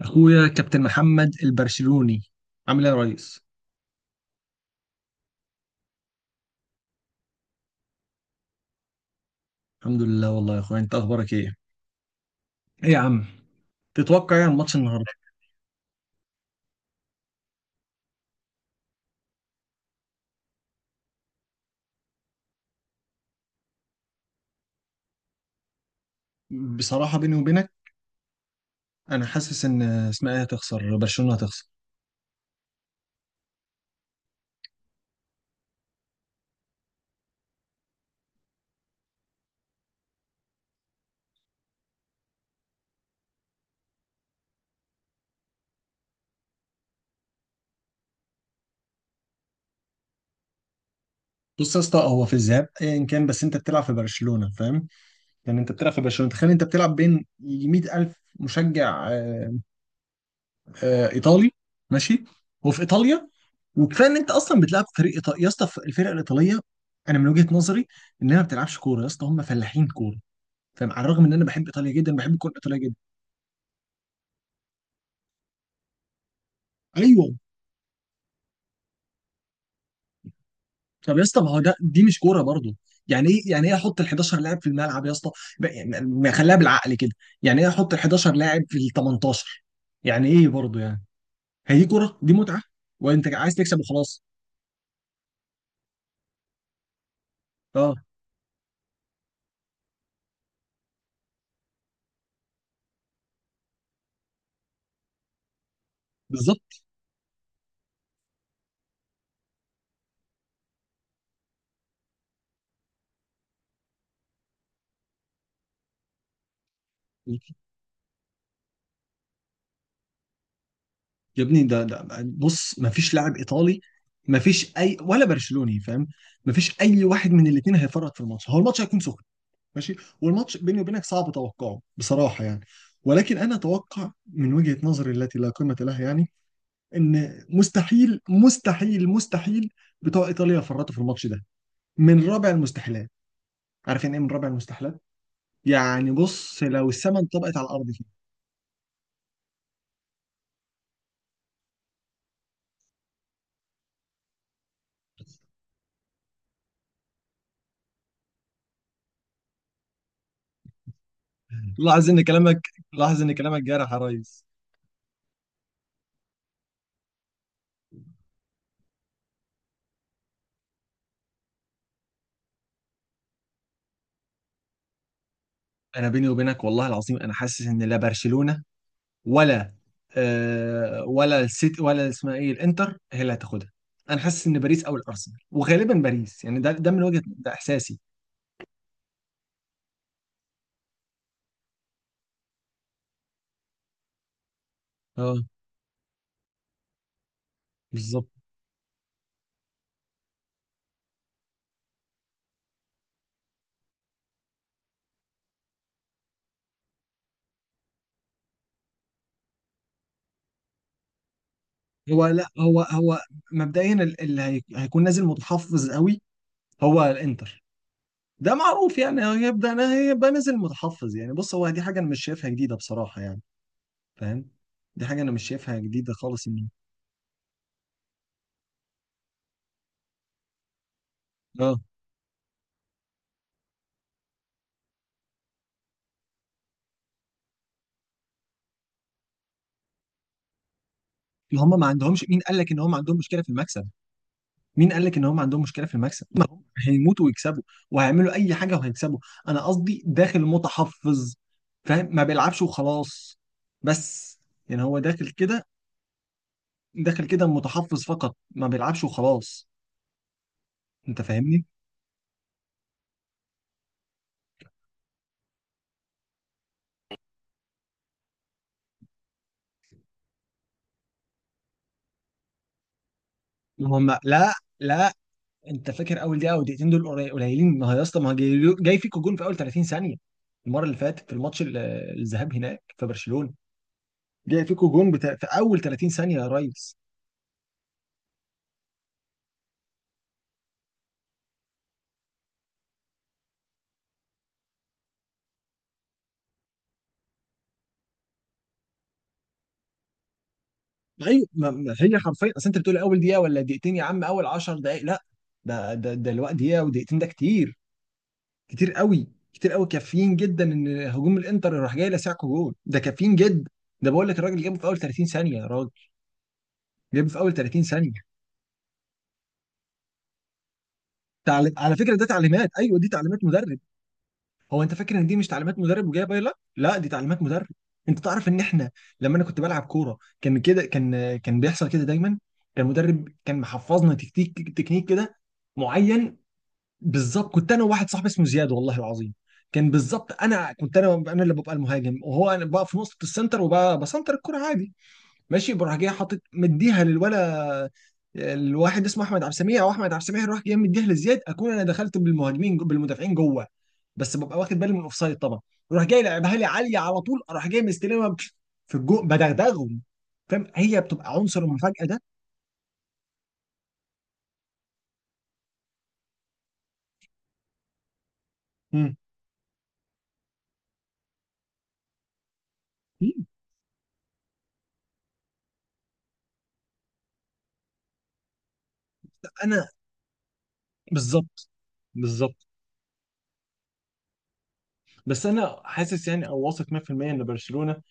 اخويا كابتن محمد البرشلوني، عامل ايه يا ريس؟ الحمد لله والله. يا اخويا انت اخبارك ايه؟ ايه يا عم، تتوقع ايه عن ماتش النهارده؟ بصراحه بيني وبينك، انا حاسس ان اسمها ايه، هتخسر برشلونه، هتخسر. بص يا اسطى، هو في الذهاب ايا كان، بس انت بتلعب في برشلونه، فاهم؟ يعني انت بتلعب في برشلونه، تخيل انت بتلعب بين 100000 الف مشجع. ايطالي، ماشي، وفي ايطاليا. وكفايه ان انت اصلا بتلعب فريق ايطالي يا اسطى. الفرق الايطاليه انا من وجهه نظري انها ما بتلعبش كوره يا اسطى، هم فلاحين كوره. فعلى الرغم ان انا بحب ايطاليا جدا، بحب كره ايطاليا جدا. ايوه. طب يا اسطى، ما هو ده، دي مش كوره برضه؟ يعني ايه احط ال 11 لاعب في الملعب يا اسطى؟ يعني ما خليها بالعقل كده. يعني ايه احط ال 11 لاعب في ال 18؟ يعني ايه برضه يعني؟ هي دي كوره؟ دي متعه، وانت عايز تكسب وخلاص. اه بالظبط. يا ابني ده بص، ما فيش لاعب ايطالي ما فيش اي ولا برشلوني، فاهم؟ ما فيش اي واحد من الاثنين هيفرط في الماتش. هو الماتش هيكون سخن، ماشي، والماتش بيني وبينك صعب توقعه بصراحة يعني. ولكن أنا أتوقع من وجهة نظري التي لا قيمة لها يعني، إن مستحيل مستحيل مستحيل بتوع إيطاليا يفرطوا في الماتش ده. من رابع المستحيلات. عارف يعني إيه من رابع المستحيلات؟ يعني بص، لو السما انطبقت على الأرض كده. لاحظ إن كلامك لاحظ إن كلامك جارح يا ريس. أنا بيني وبينك والله العظيم أنا حاسس إن لا برشلونة ولا، آه، ولا السيتي ولا اسمها ايه الانتر هي اللي هتاخدها. انا حاسس ان باريس او الارسنال، وغالبا باريس يعني. ده من وجهة ده احساسي. اه بالظبط. هو لا هو هو مبدئيا هيكون نازل متحفظ قوي. هو الانتر ده معروف يعني، هو هيبدا هيبقى نازل متحفظ. يعني بص، هو دي حاجه انا مش شايفها جديده بصراحه يعني، فاهم؟ دي حاجه انا مش شايفها جديده خالص. ان اه. هم ما عندهمش، مين قال لك ان هم عندهم مشكله في المكسب؟ مين قال لك ان هم عندهم مشكله في المكسب؟ ما هم هيموتوا ويكسبوا، وهيعملوا اي حاجه وهيكسبوا. انا قصدي داخل متحفظ، فاهم؟ ما بيلعبش وخلاص، بس. يعني هو داخل كده، داخل كده متحفظ، فقط ما بيلعبش وخلاص. انت فاهمني؟ هم لا لا، انت فاكر اول دقيقه او دقيقتين دول قليلين؟ ما هو يا اسطى، ما هو جاي فيكوا جون في اول 30 ثانيه. المره اللي فاتت في الماتش الذهاب هناك في برشلونه، جاي فيكوا جون بتا... في اول 30 ثانيه يا ريس. ايوه، ما هي حرفيا، اصل انت بتقول اول دقيقه ولا دقيقتين، يا عم اول 10 دقائق لا، ده الوقت. دقيقه ودقيقتين ده كتير، كتير قوي، كتير قوي، كافيين جدا ان هجوم الانتر راح جاي لسعكو جول. ده كافيين جدا. ده بقول لك الراجل جابه في اول 30 ثانيه يا راجل، جابه في اول 30 ثانيه. على فكره ده تعليمات، ايوه دي تعليمات مدرب. هو انت فاكر ان دي مش تعليمات مدرب وجايه؟ لا لا، دي تعليمات مدرب. انت تعرف ان احنا، لما انا كنت بلعب كوره كان كده، كان بيحصل كده دايما. كان المدرب كان محفظنا تكتيك تكنيك كده معين. بالظبط، كنت انا وواحد صاحبي اسمه زياد، والله العظيم كان بالظبط. انا كنت انا اللي ببقى المهاجم، وهو انا بقى في نقطه السنتر، وبقى بسنتر الكره عادي، ماشي. بروح جاي حاطط مديها للولا، الواحد اسمه احمد عبد السميع او احمد عبد السميع، يروح جاي مديها لزياد، اكون انا دخلت بالمهاجمين بالمدافعين جوه، بس ببقى واخد بالي من الاوفسايد طبعا. يروح جاي لعبها لي عاليه على طول، اروح جاي مستلمها في الجو بدغدغهم. فاهم؟ هي بتبقى عنصر المفاجاه ده. مم. انا بالظبط، بالظبط. بس انا حاسس يعني او واثق 100% ان برشلونه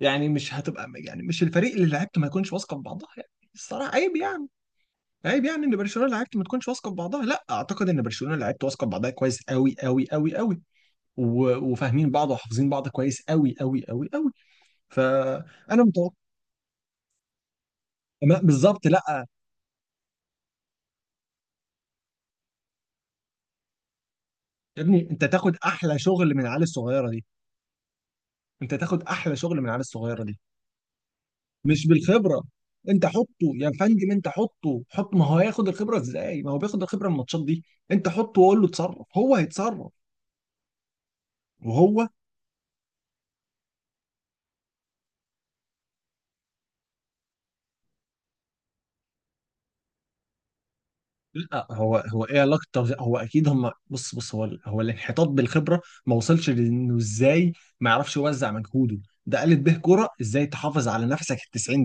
يعني مش هتبقى، يعني مش الفريق اللي لعيبته ما يكونش واثقه في بعضها يعني. الصراحه عيب يعني، عيب يعني ان برشلونه لعيبته ما تكونش واثقه في بعضها. لا، اعتقد ان برشلونه لعيبته واثقه في بعضها كويس قوي قوي قوي قوي، وفاهمين بعض وحافظين بعض كويس قوي قوي قوي قوي. فانا متوقع. بالظبط. لا يا ابني، انت تاخد احلى شغل من العيال الصغيره دي. انت تاخد احلى شغل من العيال الصغيره دي. مش بالخبره. انت حطه، يا فندم انت حطه، حط، ما هو هياخد الخبره ازاي؟ ما هو بياخد الخبره من الماتشات دي. انت حطه وقول له اتصرف، هو هيتصرف. وهو لا هو هو ايه علاقه التوزيع؟ هو اكيد هم بص بص، هو الانحطاط بالخبره ما وصلش، لانه ازاي ما يعرفش يوزع مجهوده؟ ده قالت به كرة ازاي تحافظ على نفسك ال 90.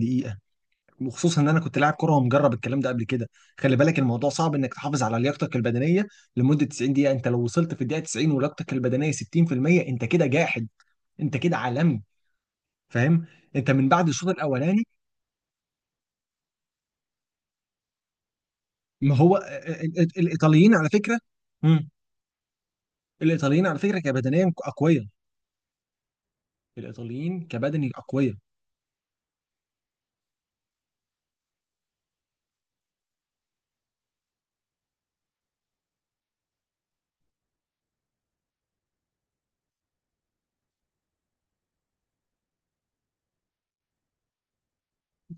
وخصوصا ان انا كنت لاعب كره ومجرب الكلام ده قبل كده، خلي بالك الموضوع صعب انك تحافظ على لياقتك البدنيه لمده 90 دقيقه. انت لو وصلت في الدقيقه 90 ولياقتك البدنيه 60%، انت كده جاحد، انت كده عالمي، فاهم؟ انت من بعد الشوط الاولاني. ما هو الايطاليين على فكره. مم. الايطاليين على فكره كبدنيا اقوياء. الايطاليين كبدني اقوياء.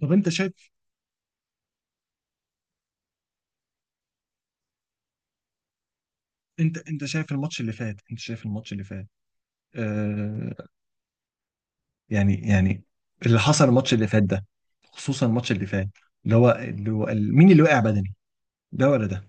طب انت شايف، انت شايف الماتش اللي فات؟ انت شايف الماتش اللي فات، آه، يعني يعني اللي حصل الماتش اللي فات ده. خصوصا الماتش اللي فات، مين اللي وقع بدني؟ ده ولا ده؟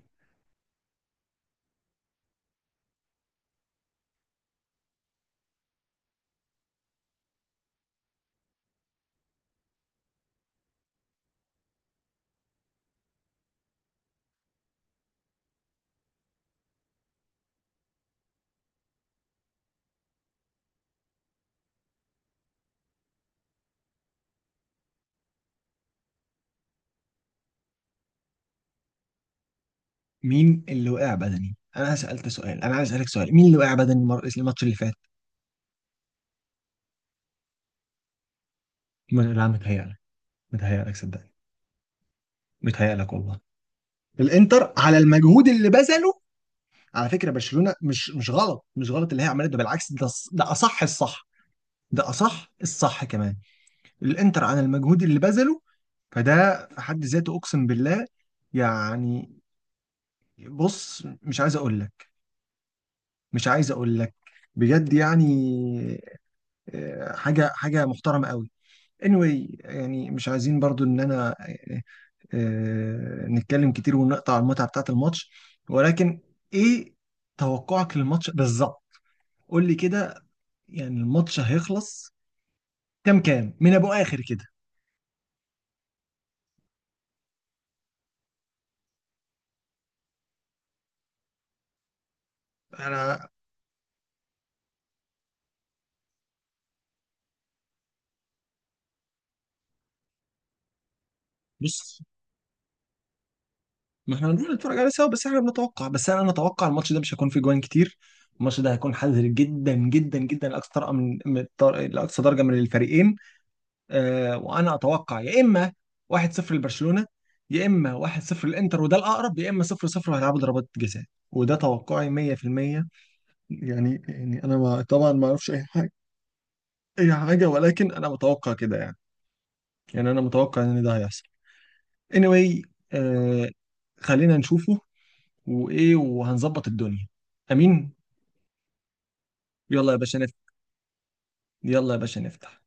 مين اللي وقع بدني؟ انا سألت سؤال، انا عايز اسالك سؤال، مين اللي وقع بدني الماتش اللي فات؟ لا، متهيألك، متهيألك صدقني، متهيألك والله. الانتر على المجهود اللي بذله، على فكره برشلونه، مش غلط، مش غلط اللي هي عملته ده، بالعكس، ده اصح الصح، ده اصح الصح كمان. الانتر على المجهود اللي بذله، فده في حد ذاته اقسم بالله يعني. بص، مش عايز اقول لك، مش عايز اقول لك، بجد يعني، حاجه محترمه قوي. anyway يعني مش عايزين برضو ان انا، نتكلم كتير ونقطع المتعه بتاعه الماتش. ولكن ايه توقعك للماتش بالظبط؟ قول لي كده، يعني الماتش هيخلص كام كام من ابو اخر كده؟ انا بص، ما احنا هنروح نتفرج عليه سوا، بس احنا بنتوقع. بس انا نتوقع الماتش ده مش هيكون فيه جوان كتير. الماتش ده هيكون حذر جدا جدا جدا لاقصى درجه لاقصى درجه من الفريقين. آه، وانا اتوقع يا اما 1-0 لبرشلونه يا اما 1-0 للانتر، وده الاقرب، يا اما 0-0 وهيلعبوا ضربات جزاء. وده توقعي 100%. يعني يعني انا، ما طبعا ما اعرفش اي حاجه، اي حاجه، ولكن انا متوقع كده يعني. يعني انا متوقع ان ده هيحصل. anyway. آه، خلينا نشوفه، وايه وهنظبط الدنيا. امين. يلا يا باشا نفتح. يلا يا باشا نفتح.